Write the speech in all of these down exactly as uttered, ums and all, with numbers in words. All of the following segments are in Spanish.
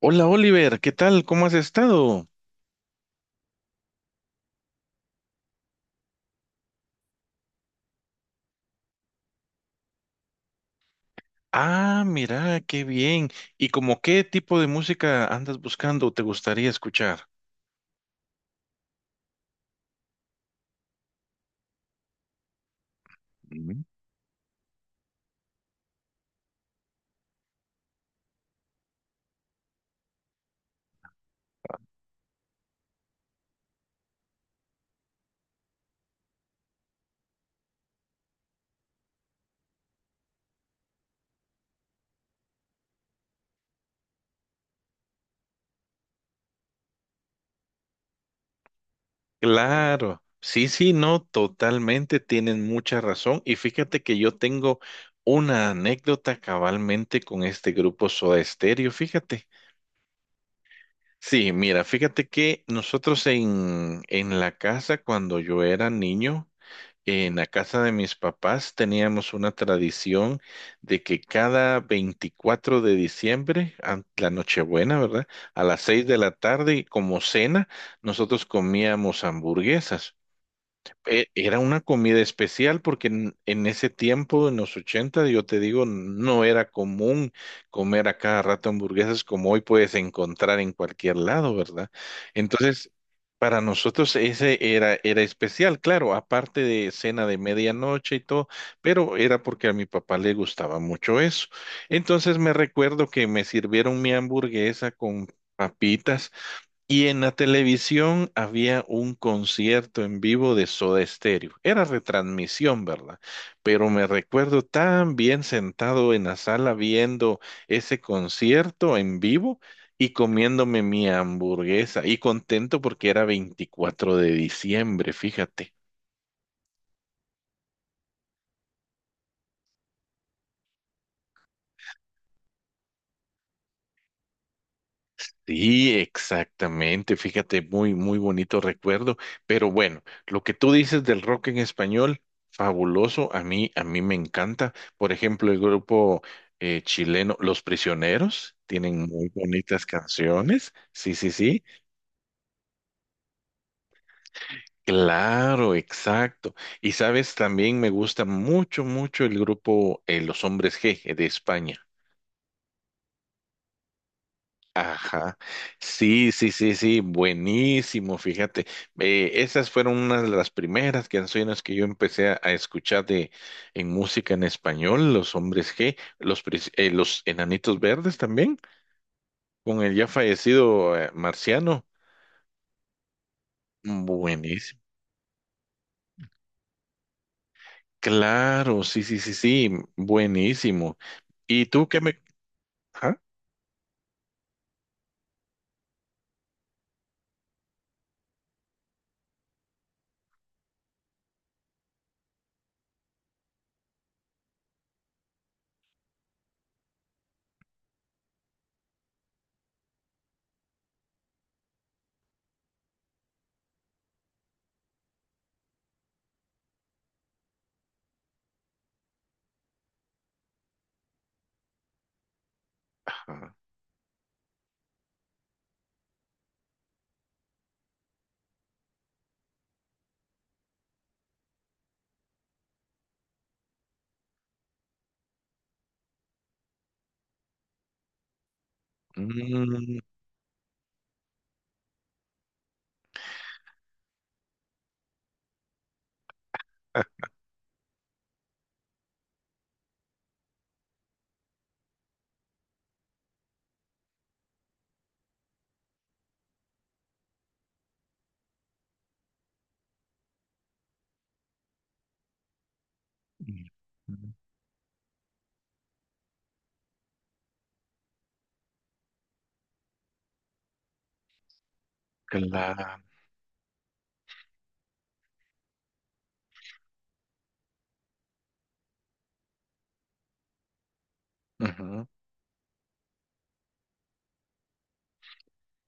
Hola Oliver, ¿qué tal? ¿Cómo has estado? Ah, mira, qué bien. ¿Y como qué tipo de música andas buscando o te gustaría escuchar? Mm. Claro, sí, sí, no, totalmente, tienen mucha razón. Y fíjate que yo tengo una anécdota cabalmente con este grupo Soda Stereo, fíjate. Sí, mira, fíjate que nosotros en, en la casa cuando yo era niño. En la casa de mis papás teníamos una tradición de que cada veinticuatro de diciembre, an- la Nochebuena, ¿verdad? A las seis de la tarde, y como cena, nosotros comíamos hamburguesas. e- Era una comida especial porque en, en ese tiempo, en los ochenta yo te digo, no era común comer a cada rato hamburguesas como hoy puedes encontrar en cualquier lado, ¿verdad? Entonces, para nosotros ese era, era especial, claro, aparte de cena de medianoche y todo, pero era porque a mi papá le gustaba mucho eso. Entonces me recuerdo que me sirvieron mi hamburguesa con papitas, y en la televisión había un concierto en vivo de Soda Stereo. Era retransmisión, ¿verdad? Pero me recuerdo tan bien sentado en la sala viendo ese concierto en vivo y comiéndome mi hamburguesa y contento porque era veinticuatro de diciembre, fíjate. Sí, exactamente. Fíjate, muy, muy bonito recuerdo. Pero bueno, lo que tú dices del rock en español, fabuloso. A mí, a mí me encanta. Por ejemplo, el grupo eh, chileno Los Prisioneros tienen muy bonitas canciones. Sí, sí, sí. Claro, exacto. Y sabes, también me gusta mucho, mucho el grupo eh, Los Hombres G de España. Ajá, sí, sí, sí, sí, buenísimo, fíjate. Eh, esas fueron unas de las primeras canciones que yo empecé a, a escuchar de en música en español, Los Hombres G, los, pris- eh, los Enanitos Verdes también, con el ya fallecido eh, Marciano. Mm. Buenísimo, claro, sí, sí, sí, sí, buenísimo. ¿Y tú qué me... ajá, ajá, mm, ah. Mm, mm. Claro, ujú,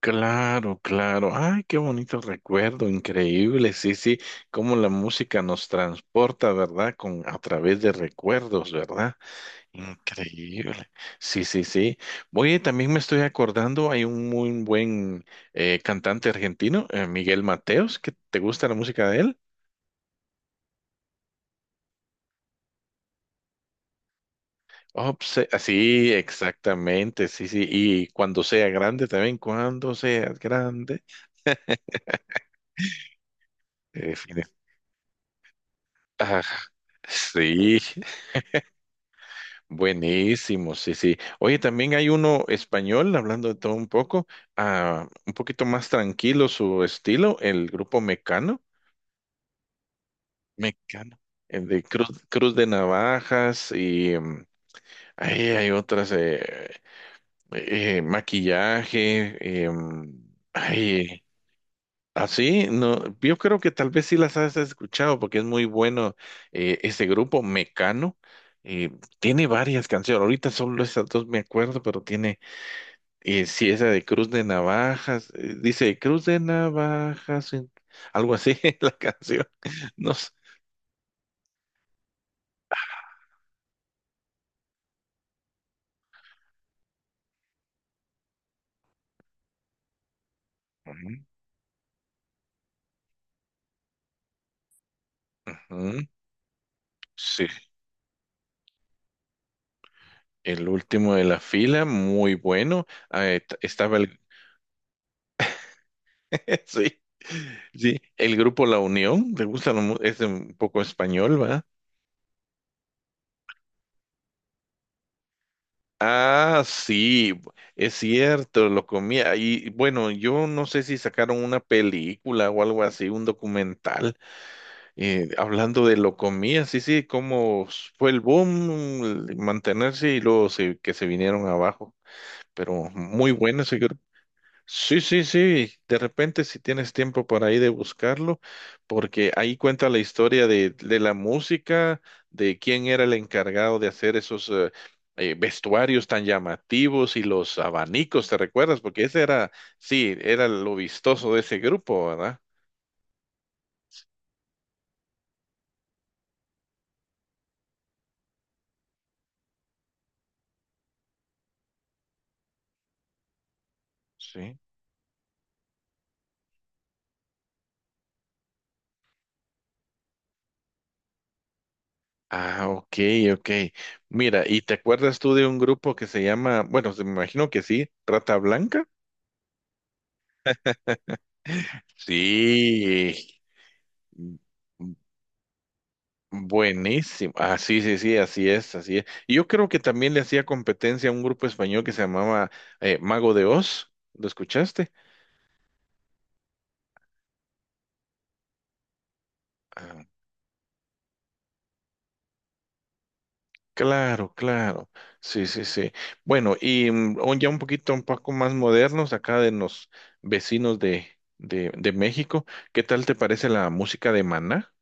claro, claro. Ay, qué bonito recuerdo, increíble. Sí, sí, cómo la música nos transporta, ¿verdad? Con a través de recuerdos, ¿verdad? Increíble. Sí, sí, sí. Oye, también me estoy acordando, hay un muy buen eh, cantante argentino, eh, Miguel Mateos, que te gusta la música de él. Oh, pues, eh, sí, exactamente, sí, sí. Y cuando sea grande también, cuando seas grande. eh, fin- ah, sí, buenísimo, sí, sí. Oye, también hay uno español, hablando de todo un poco, ah, un poquito más tranquilo su estilo, el grupo Mecano. Mecano, el de Cruz, Cruz de Navajas y mm, ahí hay otras, eh, eh, maquillaje, em, ay, así, no, yo creo que tal vez sí las has escuchado porque es muy bueno eh, ese grupo Mecano. eh, Tiene varias canciones, ahorita solo esas dos me acuerdo, pero tiene, eh, sí, esa de Cruz de Navajas, eh, dice Cruz de Navajas, eh, algo así, la canción, no sé. Ujú. Ujú. Sí, El último de la fila, muy bueno. Ah, est- estaba el... Sí, sí, el grupo La Unión, le gusta, lo mu- es un poco español, ¿va? Ah, sí, es cierto, lo comía. Y bueno, yo no sé si sacaron una película o algo así, un documental, eh, hablando de lo comía, sí, sí, cómo fue el boom, el mantenerse y luego se- que se vinieron abajo. Pero muy bueno ese grupo. Sí, sí, sí. De repente, si tienes tiempo por ahí de buscarlo, porque ahí cuenta la historia de, de la música, de quién era el encargado de hacer esos eh, eh, vestuarios tan llamativos y los abanicos, ¿te recuerdas? Porque ese era, sí, era lo vistoso de ese grupo, ¿verdad? Sí. Ah, ok, ok. Mira, ¿y te acuerdas tú de un grupo que se llama, bueno, se- me imagino que sí, Rata Blanca? Sí. Buenísimo. Ah, sí, sí, sí, así es, así es. Y yo creo que también le hacía competencia a un grupo español que se llamaba eh, Mago de Oz. ¿Lo escuchaste? Ah, claro, claro. Sí, sí, sí. Bueno, y mm, un- ya un poquito, un poco más modernos, acá de los vecinos de, de, de México. ¿Qué tal te parece la música de Maná?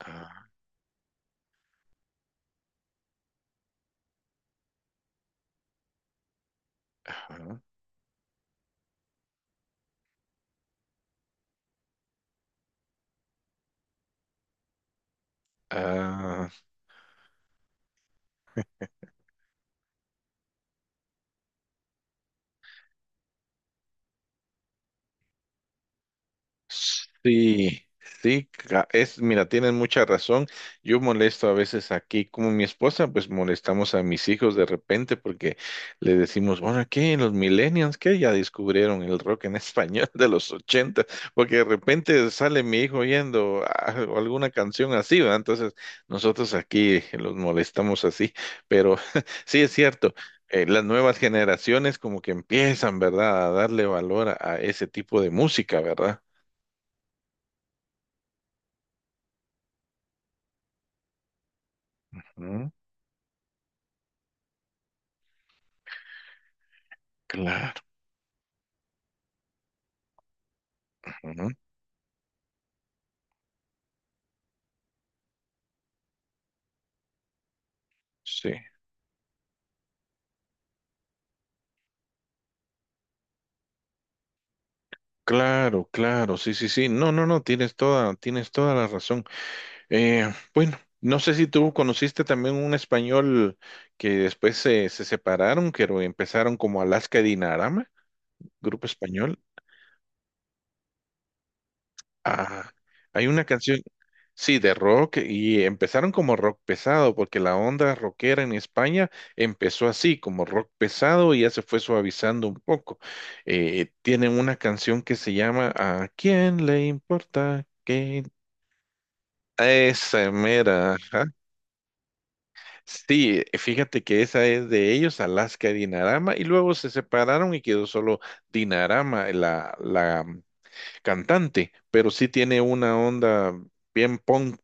Ah, ajá. Ah, sí, sí, ca- es, mira, tienen mucha razón. Yo molesto a veces aquí, como mi esposa, pues molestamos a mis hijos de repente porque le decimos, bueno, ¿qué? Los millennials, ¿qué? Ya descubrieron el rock en español de los ochenta, porque de repente sale mi hijo oyendo a- alguna canción así, ¿verdad? Entonces nosotros aquí los molestamos así, pero sí es cierto. Eh, las nuevas generaciones como que empiezan, ¿verdad?, a darle valor a a ese tipo de música, ¿verdad? Mm. Claro, ujú, sí, claro, claro, sí, sí, sí. No, no, no, tienes toda, tienes toda la razón. Eh, bueno, no sé si tú conociste también un español que después se, se separaron, que empezaron como Alaska y Dinarama, grupo español. Ah, hay una canción. Sí, de rock y empezaron como rock pesado, porque la onda rockera en España empezó así, como rock pesado y ya se fue suavizando un poco. Eh, tienen una canción que se llama ¿A quién le importa que esa mera? Ajá. Sí, fíjate que esa es de ellos, Alaska y Dinarama, y luego se separaron y quedó solo Dinarama, la, la cantante, pero sí tiene una onda bien punk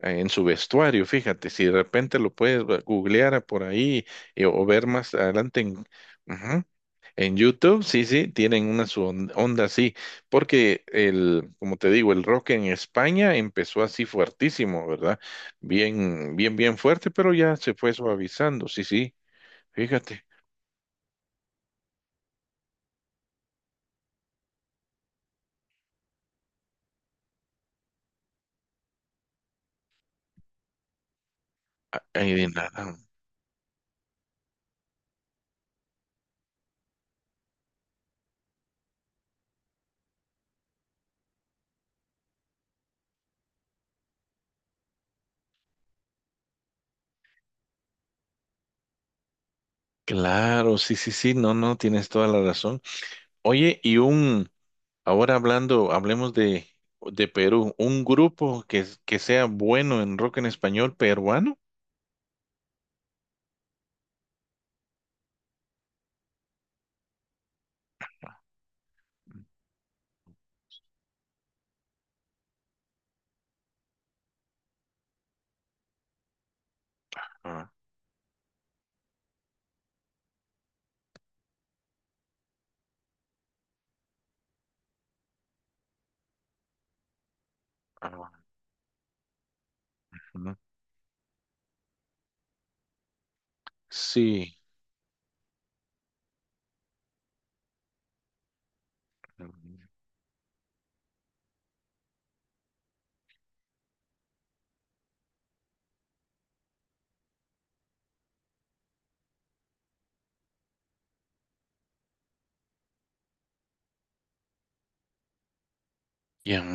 eh, en su vestuario, fíjate, si de repente lo puedes bu- googlear por ahí eh, o ver más adelante en, ujú, en YouTube, sí, sí, tienen una su on- onda así, porque el, como te digo, el rock en España empezó así fuertísimo, ¿verdad? Bien, bien, bien fuerte, pero ya se fue suavizando, sí, sí, fíjate. Ay, de nada. Claro, sí, sí, sí, no, no, tienes toda la razón. Oye, y un, ahora hablando, hablemos de, de Perú, un grupo que, que sea bueno en rock en español peruano. Ah, ah, ujú. Sí.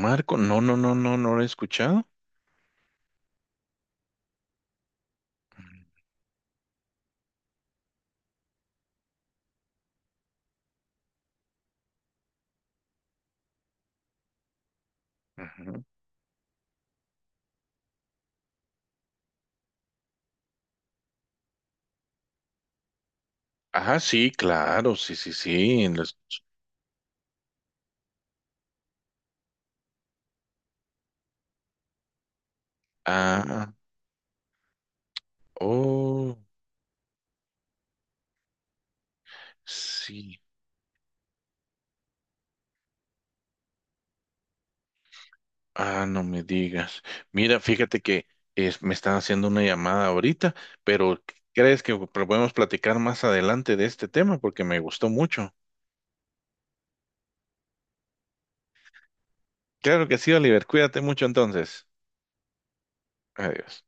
Marco, no, no, no, no, no lo he escuchado. Ujú. Ah, sí, claro, sí, sí, sí. En los... Ah, oh, sí. Ah, no me digas. Mira, fíjate que es- me están haciendo una llamada ahorita, pero ¿crees que podemos platicar más adelante de este tema? Porque me gustó mucho. Claro que sí, Oliver. Cuídate mucho entonces. Adiós.